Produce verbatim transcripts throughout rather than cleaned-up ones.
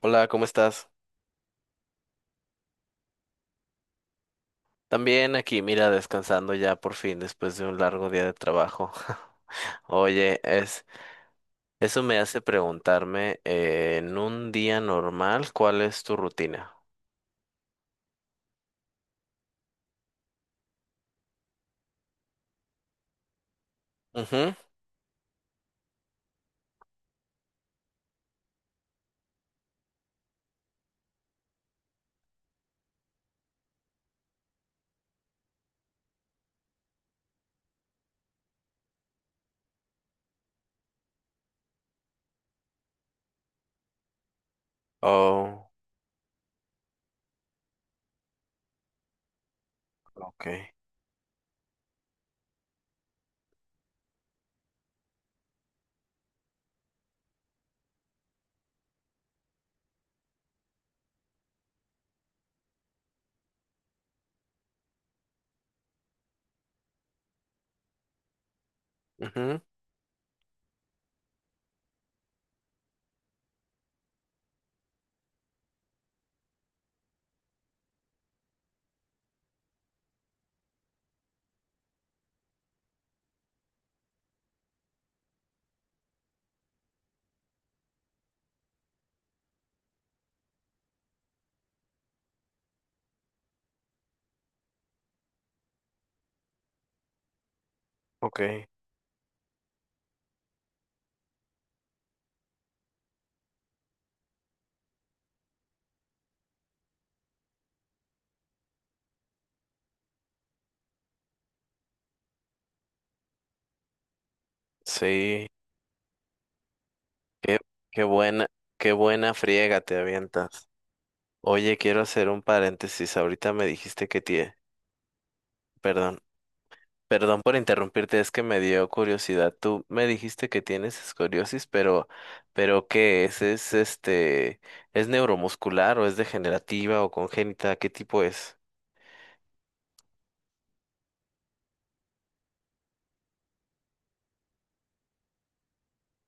Hola, ¿cómo estás? También aquí, mira, descansando ya por fin después de un largo día de trabajo. Oye, es, eso me hace preguntarme, eh, en un día normal, ¿cuál es tu rutina? Ujú. Oh, okay. Ujú, okay. Sí, qué, qué buena, qué buena friega te avientas. Oye, quiero hacer un paréntesis. Ahorita me dijiste que tie, perdón, Perdón por interrumpirte, es que me dio curiosidad. Tú me dijiste que tienes escoriosis, pero, pero ¿qué es? ¿Es este, es neuromuscular o es degenerativa o congénita? ¿Qué tipo es?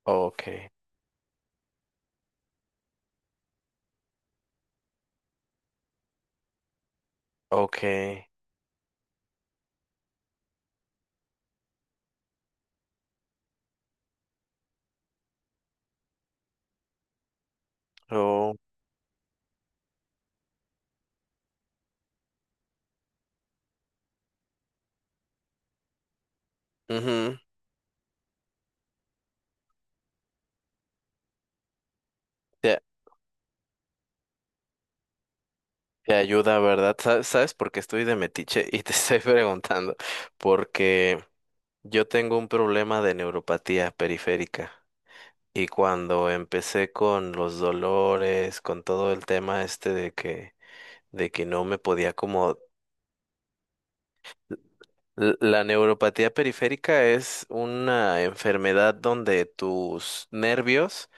Okay, okay. Oh, ujú. Te, te ayuda, ¿verdad? Sa- ¿Sabes por qué estoy de metiche y te estoy preguntando? Porque yo tengo un problema de neuropatía periférica. Y cuando empecé con los dolores, con todo el tema este de que de que no me podía como... L- La neuropatía periférica es una enfermedad donde tus nervios,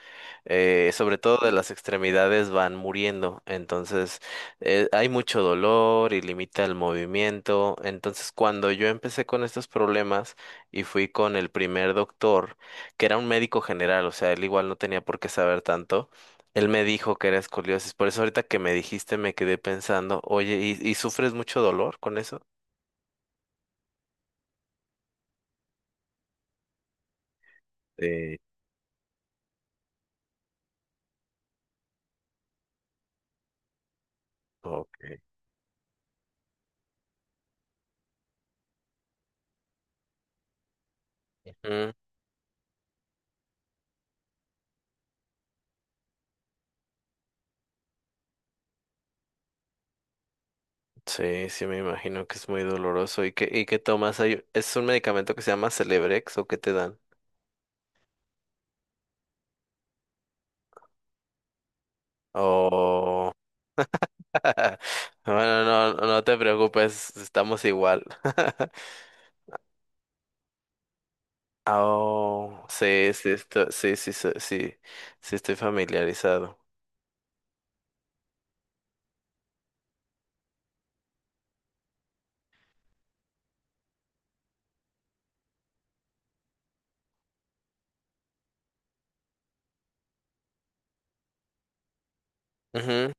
eh, sobre todo de las extremidades, van muriendo. Entonces eh, hay mucho dolor y limita el movimiento. Entonces cuando yo empecé con estos problemas y fui con el primer doctor, que era un médico general, o sea, él igual no tenía por qué saber tanto, él me dijo que era escoliosis. Por eso ahorita que me dijiste me quedé pensando, oye, ¿y, y sufres mucho dolor con eso? Sí, ok. Sí, sí, me imagino que es muy doloroso. ¿Y qué, y qué tomas? Hay- ¿Es un medicamento que se llama Celebrex o qué te dan? O... Bueno, no, no no te preocupes, estamos igual. Oh, sí, sí, esto- sí, sí, sí, sí, sí estoy familiarizado. Ujú.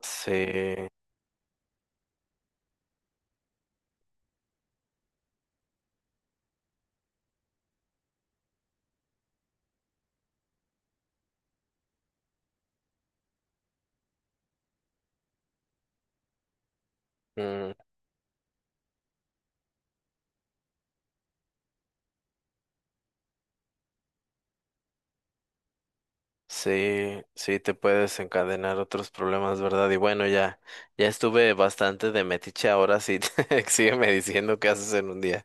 Sí, mm, sí, sí, te puede desencadenar otros problemas, ¿verdad? Y bueno, ya, ya estuve bastante de metiche ahora, sí. Sígueme diciendo qué haces en un día.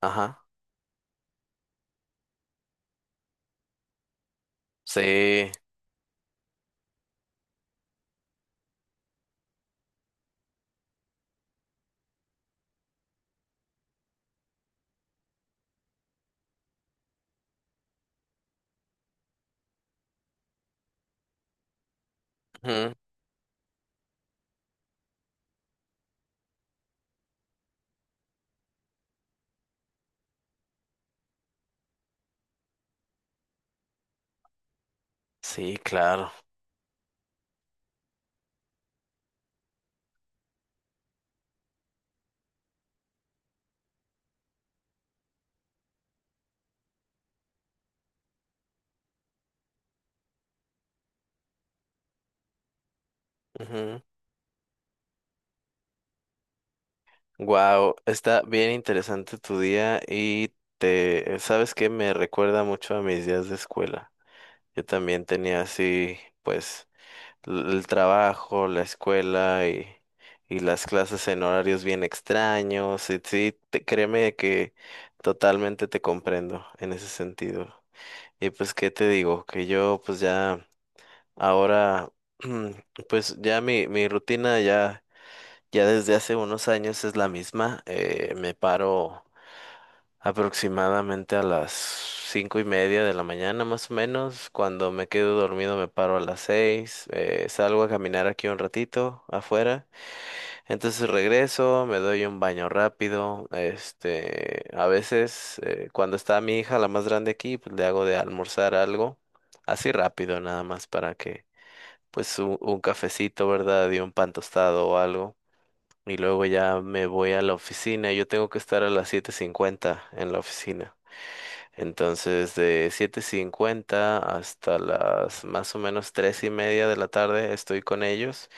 Ajá. Sí, ujú. Sí, claro. Wow, está bien interesante tu día. Y te, ¿sabes qué? Me recuerda mucho a mis días de escuela. Yo también tenía así, pues, l- el trabajo, la escuela y, y las clases en horarios bien extraños. Y sí, te- créeme que totalmente te comprendo en ese sentido. Y pues, ¿qué te digo? Que yo, pues ya, ahora, pues ya mi, mi rutina ya... Ya desde hace unos años es la misma. Eh, me paro aproximadamente a las cinco y media de la mañana, más o menos. Cuando me quedo dormido me paro a las seis. Eh, salgo a caminar aquí un ratito afuera. Entonces regreso, me doy un baño rápido. Este, a veces eh, cuando está mi hija, la más grande aquí, pues le hago de almorzar algo así rápido, nada más para que, pues un, un cafecito, ¿verdad? Y un pan tostado o algo, y luego ya me voy a la oficina. Yo tengo que estar a las siete cincuenta en la oficina. Entonces, de siete cincuenta hasta las, más o menos, tres y media de la tarde estoy con ellos.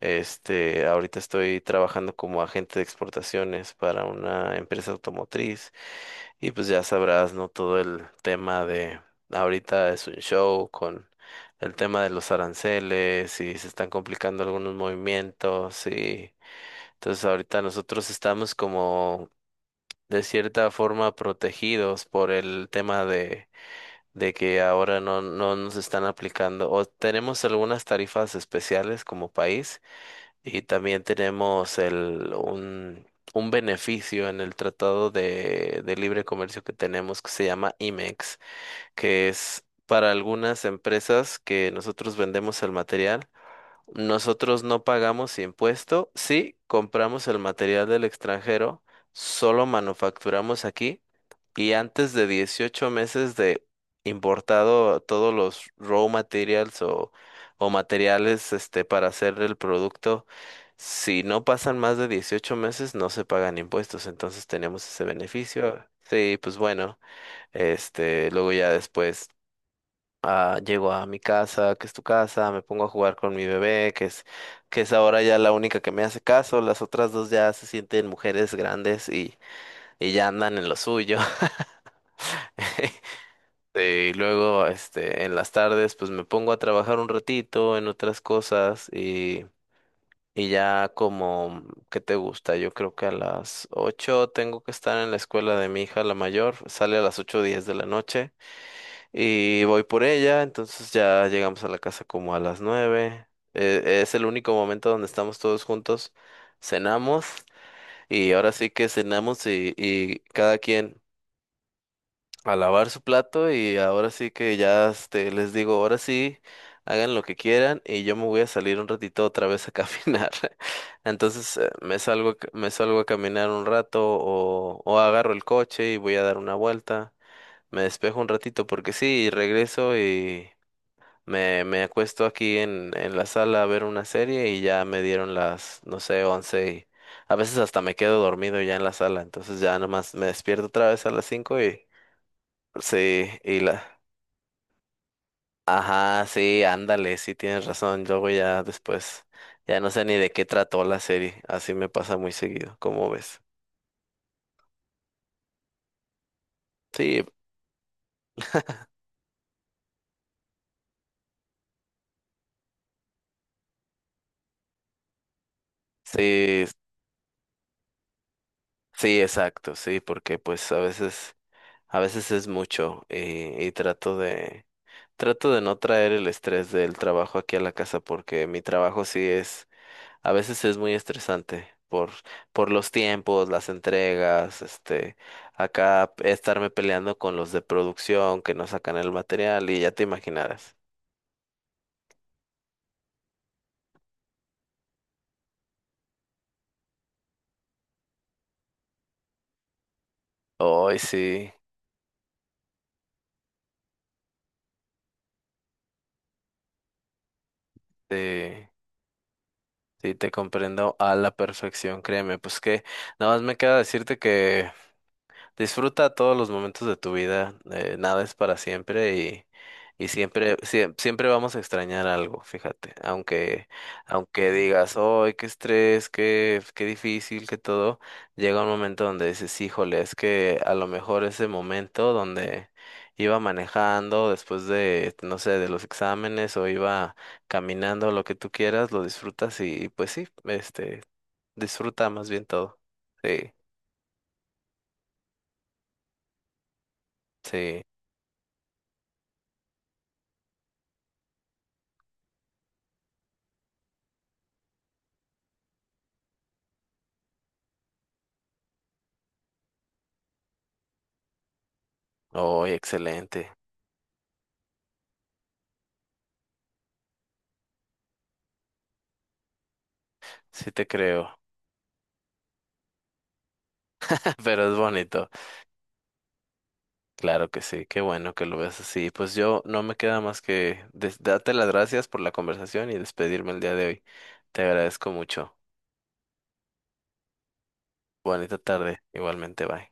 Este, ahorita estoy trabajando como agente de exportaciones para una empresa automotriz, y pues ya sabrás, ¿no? Todo el tema de ahorita es un show con el tema de los aranceles y se están complicando algunos movimientos. Y entonces ahorita nosotros estamos, como de cierta forma, protegidos por el tema de, de que ahora no, no nos están aplicando, o tenemos algunas tarifas especiales como país. Y también tenemos el, un, un beneficio en el tratado de, de libre comercio que tenemos, que se llama IMEX, que es para algunas empresas que nosotros vendemos el material. Nosotros no pagamos impuesto, sí compramos el material del extranjero, solo manufacturamos aquí, y antes de dieciocho meses de importado todos los raw materials o, o materiales, este, para hacer el producto, si no pasan más de dieciocho meses no se pagan impuestos. Entonces tenemos ese beneficio. Sí, pues bueno. Este, luego ya después, ah, llego a mi casa, que es tu casa, me pongo a jugar con mi bebé, que es, que es ahora ya la única que me hace caso. Las otras dos ya se sienten mujeres grandes, y, y ya andan en lo suyo. Eh, Y luego, este, en las tardes, pues me pongo a trabajar un ratito en otras cosas, y, y ya como, ¿qué te gusta? Yo creo que a las ocho tengo que estar en la escuela de mi hija, la mayor, sale a las ocho diez de la noche. Y voy por ella, entonces ya llegamos a la casa como a las nueve. Eh, es el único momento donde estamos todos juntos. Cenamos, y ahora sí que cenamos, y, y cada quien a lavar su plato. Y ahora sí que ya, este, les digo, ahora sí, hagan lo que quieran, y yo me voy a salir un ratito otra vez a caminar. Entonces eh, me salgo, a ca- me salgo a caminar un rato, o, o agarro el coche y voy a dar una vuelta. Me despejo un ratito porque sí, y regreso y... Me, me acuesto aquí en, en la sala a ver una serie, y ya me dieron las, no sé, once, y a veces hasta me quedo dormido ya en la sala. Entonces ya nomás me despierto otra vez a las cinco y sí, y la... Ajá, sí, ándale, sí, tienes razón. Luego, ya después, ya no sé ni de qué trató la serie, así me pasa muy seguido. ¿Cómo ves? Sí, sí, sí, exacto, sí. Porque pues a veces, a veces es mucho, y, y trato de... Trato de no traer el estrés del trabajo aquí a la casa, porque mi trabajo sí es, a veces es muy estresante por, por los tiempos, las entregas, este, acá estarme peleando con los de producción que no sacan el material, y ya te imaginarás. Hoy sí, sí, sí te comprendo a la perfección, créeme. Pues que nada más me queda decirte que: disfruta todos los momentos de tu vida, eh, nada es para siempre, y, y siempre, siem- siempre vamos a extrañar algo, fíjate, aunque, aunque digas, ¡ay, qué estrés, qué, qué difícil, qué todo! Llega un momento donde dices: híjole, es que a lo mejor ese momento donde iba manejando después de, no sé, de los exámenes, o iba caminando, lo que tú quieras, lo disfrutas, y, y pues sí, este, disfruta más bien todo. Sí, sí. ¡Ay, excelente! Sí te creo. Pero es bonito. Claro que sí, qué bueno que lo ves así. Pues yo no me queda más que des- darte las gracias por la conversación y despedirme el día de hoy. Te agradezco mucho. Bonita tarde, igualmente, bye.